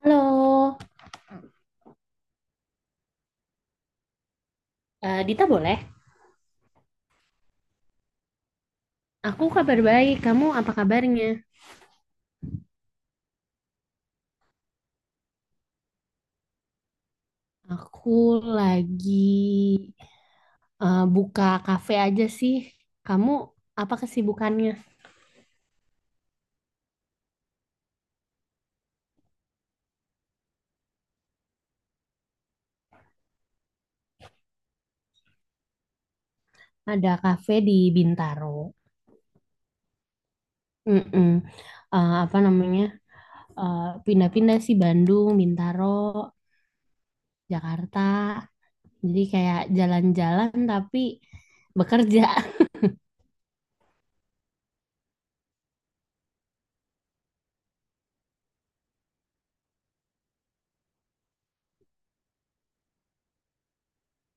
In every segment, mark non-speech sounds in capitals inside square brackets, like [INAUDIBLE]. Halo, Dita boleh? Aku kabar baik, kamu apa kabarnya? Aku lagi buka kafe aja sih. Kamu apa kesibukannya? Ada kafe di Bintaro. Mm-mm. Apa namanya? Pindah-pindah sih Bandung, Bintaro, Jakarta. Jadi kayak jalan-jalan tapi bekerja. [LAUGHS]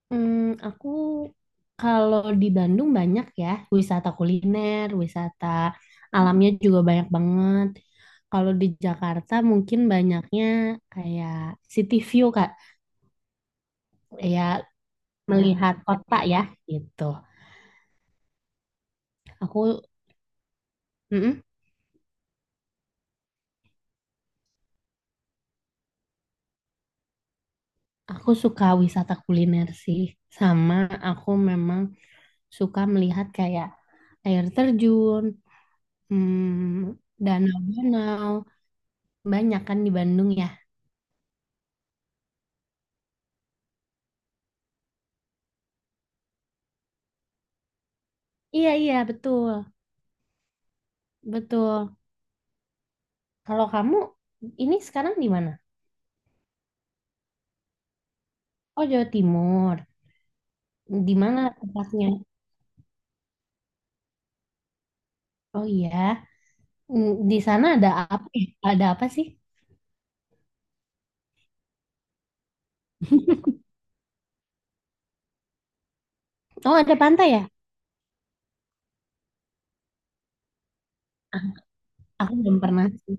Hmm, aku kalau di Bandung banyak ya wisata kuliner, wisata alamnya juga banyak banget. Kalau di Jakarta mungkin banyaknya kayak city view Kak, kayak melihat kota ya gitu. Aku mm-mm, aku suka wisata kuliner sih, sama aku memang suka melihat kayak air terjun, hmm, danau-danau, banyak kan di Bandung ya. Iya iya betul betul. Kalau kamu ini sekarang di mana? Oh, Jawa Timur. Di mana tempatnya? Oh iya. Di sana ada apa? Ada apa sih? Oh, ada pantai ya? Aku belum pernah sih.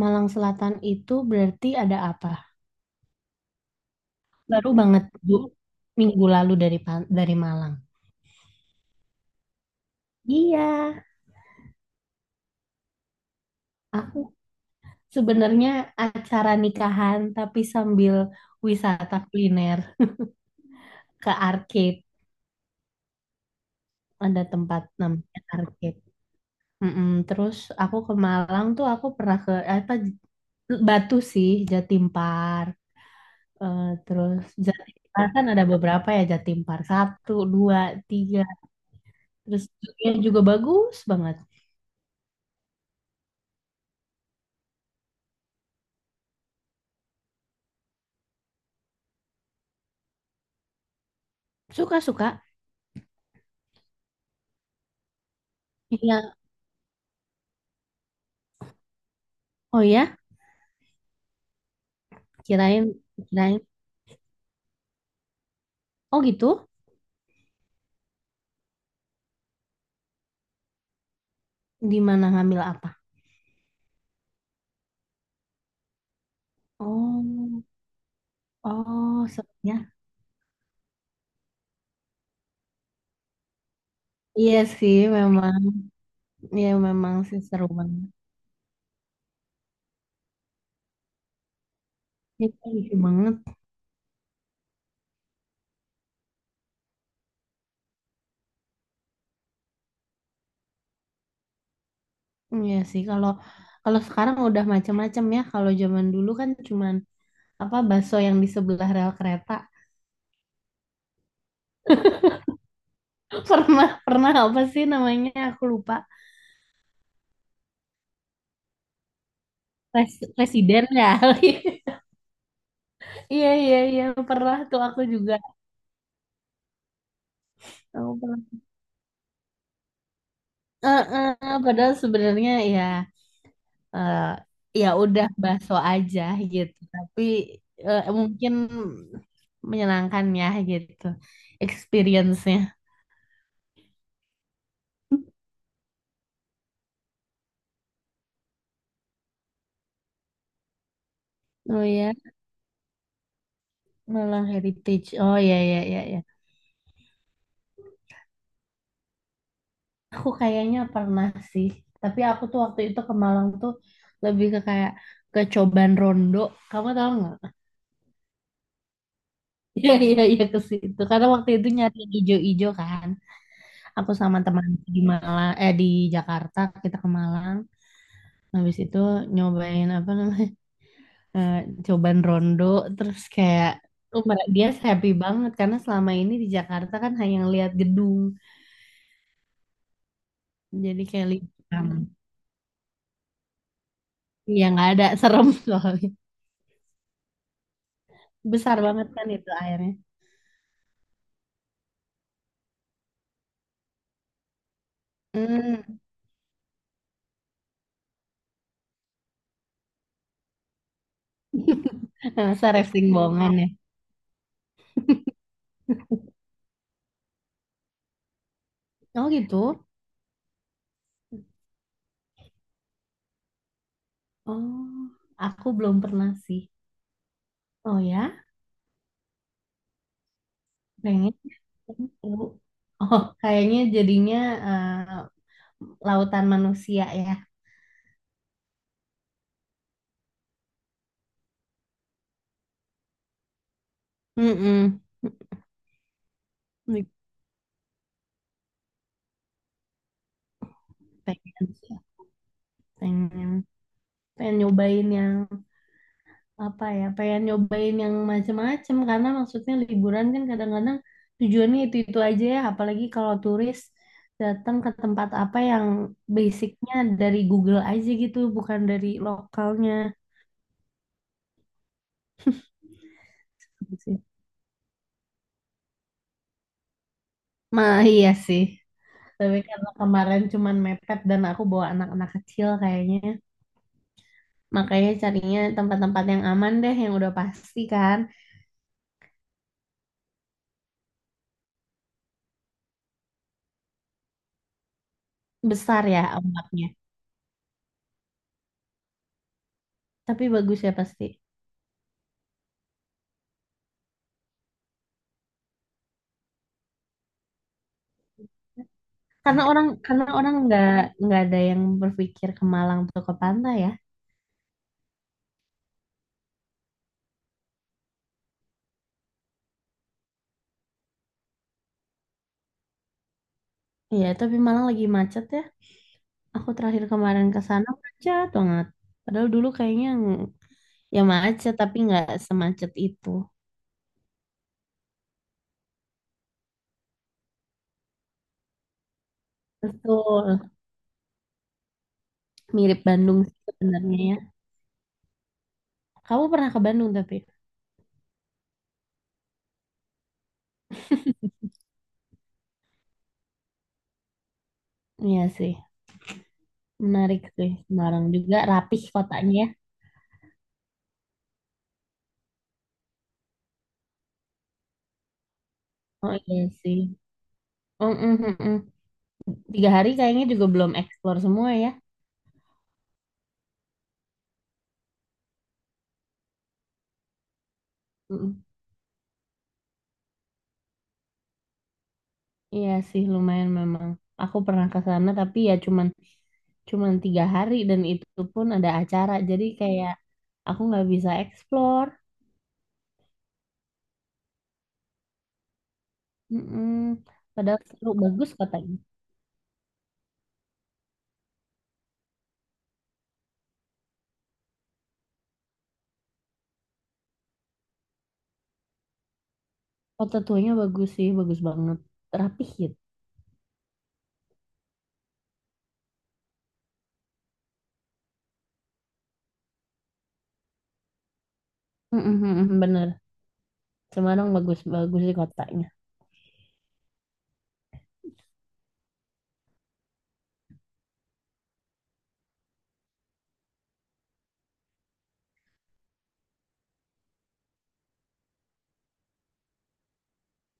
Malang Selatan itu berarti ada apa? Baru banget Bu, minggu lalu dari Malang. Iya, aku sebenarnya acara nikahan tapi sambil wisata kuliner ke arcade. Ada tempat namanya arcade. Mm-mm, terus aku ke Malang tuh aku pernah ke apa Batu sih Jatim Park. Terus Jatim Park kan ada beberapa ya Jatim Park satu dua tiga terus juga juga bagus banget. Suka suka. Iya, oh ya. Kirain, kirain. Oh gitu. Di mana ngambil apa? Oh, oh, serunya. Iya sih memang, iya memang sih seru banget. Iya, seru banget. Iya sih kalau kalau sekarang udah macam-macam ya. Kalau zaman dulu kan cuman apa bakso yang di sebelah rel kereta. [LAUGHS] Pernah pernah apa sih namanya? Aku lupa. Res, residen ya. [LAUGHS] Iya iya iya pernah tuh aku juga. Aku pernah. Padahal sebenarnya ya eh, ya udah bakso aja gitu. Tapi mungkin menyenangkan ya gitu experience-nya. Oh ya, malah heritage. Oh ya ya ya ya. Aku kayaknya pernah sih, tapi aku tuh waktu itu ke Malang tuh lebih ke kayak ke Coban Rondo. Kamu tahu nggak? [LAUGHS] Iya iya iya ke situ. Karena waktu itu nyari yang ijo-ijo kan. Aku sama teman di Malang eh di Jakarta kita ke Malang. Habis itu nyobain apa namanya [LAUGHS] eh, Coban Rondo. Terus kayak oh, dia happy banget karena selama ini di Jakarta kan hanya ngeliat gedung. Jadi kayak lihat yang nggak ada [LAUGHS] serem soalnya. Besar banget kan itu airnya. Hmm. [LAUGHS] Masa rafting bohongan ya? Oh gitu? Oh, aku belum pernah sih. Oh ya? Pengen. Pengen tahu. Oh, kayaknya jadinya eh, lautan manusia ya. Mm-mm. Pengen sih. Pengen. Pengen nyobain yang apa ya pengen nyobain yang macem-macem karena maksudnya liburan kan kadang-kadang tujuannya itu-itu aja ya apalagi kalau turis datang ke tempat apa yang basicnya dari Google aja gitu bukan dari lokalnya. Gitu sih. Nah, iya sih. Tapi karena kemarin cuman mepet dan aku bawa anak-anak kecil kayaknya. Makanya carinya tempat-tempat yang aman deh, yang udah pasti kan. Besar ya ombaknya. Tapi bagus ya pasti. Karena orang nggak ada yang berpikir ke Malang atau ke pantai ya. Iya, tapi Malang lagi macet ya. Aku terakhir kemarin ke sana macet banget. Padahal dulu kayaknya ya macet tapi nggak semacet itu. Betul, mirip Bandung sih sebenarnya ya. Kamu pernah ke Bandung tapi? Iya sih, menarik sih. Semarang juga rapih kotanya ya. Oh iya sih. Mm, mm, mm, mm. Tiga hari kayaknya juga belum eksplor semua ya. Mm, Iya sih lumayan memang. Aku pernah ke sana tapi ya cuman cuman tiga hari dan itu pun ada acara. Jadi kayak aku nggak bisa explore. Mm-mm. Padahal seru bagus katanya. Kota tuanya bagus sih, bagus banget. Rapih gitu. Mm-mm, bener. Semarang bagus-bagus sih kotanya.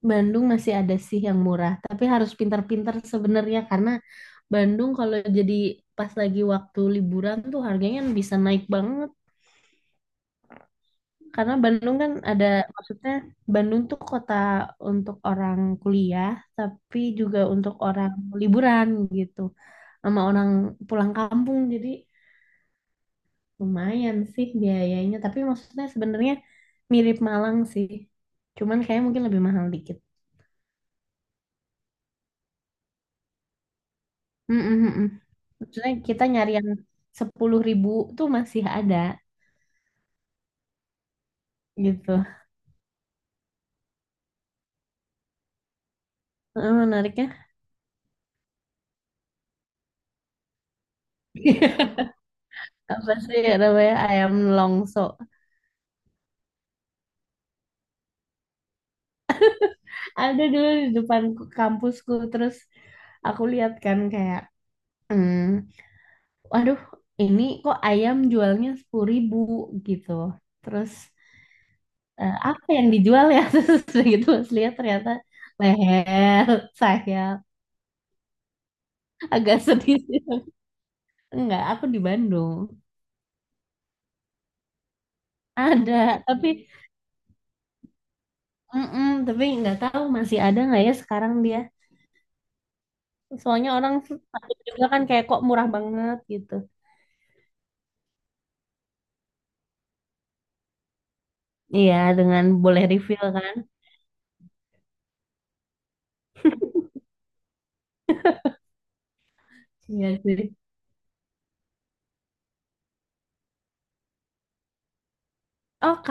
Bandung masih ada sih yang murah, tapi harus pintar-pintar sebenarnya karena Bandung kalau jadi pas lagi waktu liburan tuh harganya bisa naik banget. Karena Bandung kan ada, maksudnya Bandung tuh kota untuk orang kuliah, tapi juga untuk orang liburan gitu, sama orang pulang kampung. Jadi lumayan sih biayanya, tapi maksudnya sebenarnya mirip Malang sih, cuman kayak mungkin lebih mahal dikit. Mm-mm-mm. Maksudnya kita nyari yang 10.000 tuh masih ada gitu. Eh, menariknya [LAUGHS] apa sih namanya ayam longso? Ada dulu di depan kampusku terus aku lihat kan kayak hmm, waduh ini kok ayam jualnya 10.000 gitu terus apa yang dijual ya [LAUGHS] terus udah gitu pas lihat ternyata leher sayap. Agak sedih sih. Enggak aku di Bandung. Ada. Tapi mm-mm, tapi nggak tahu masih ada nggak ya sekarang dia. Soalnya orang takut juga kan kayak kok murah banget gitu. Iya dengan boleh refill kan. Iya sih. Ok,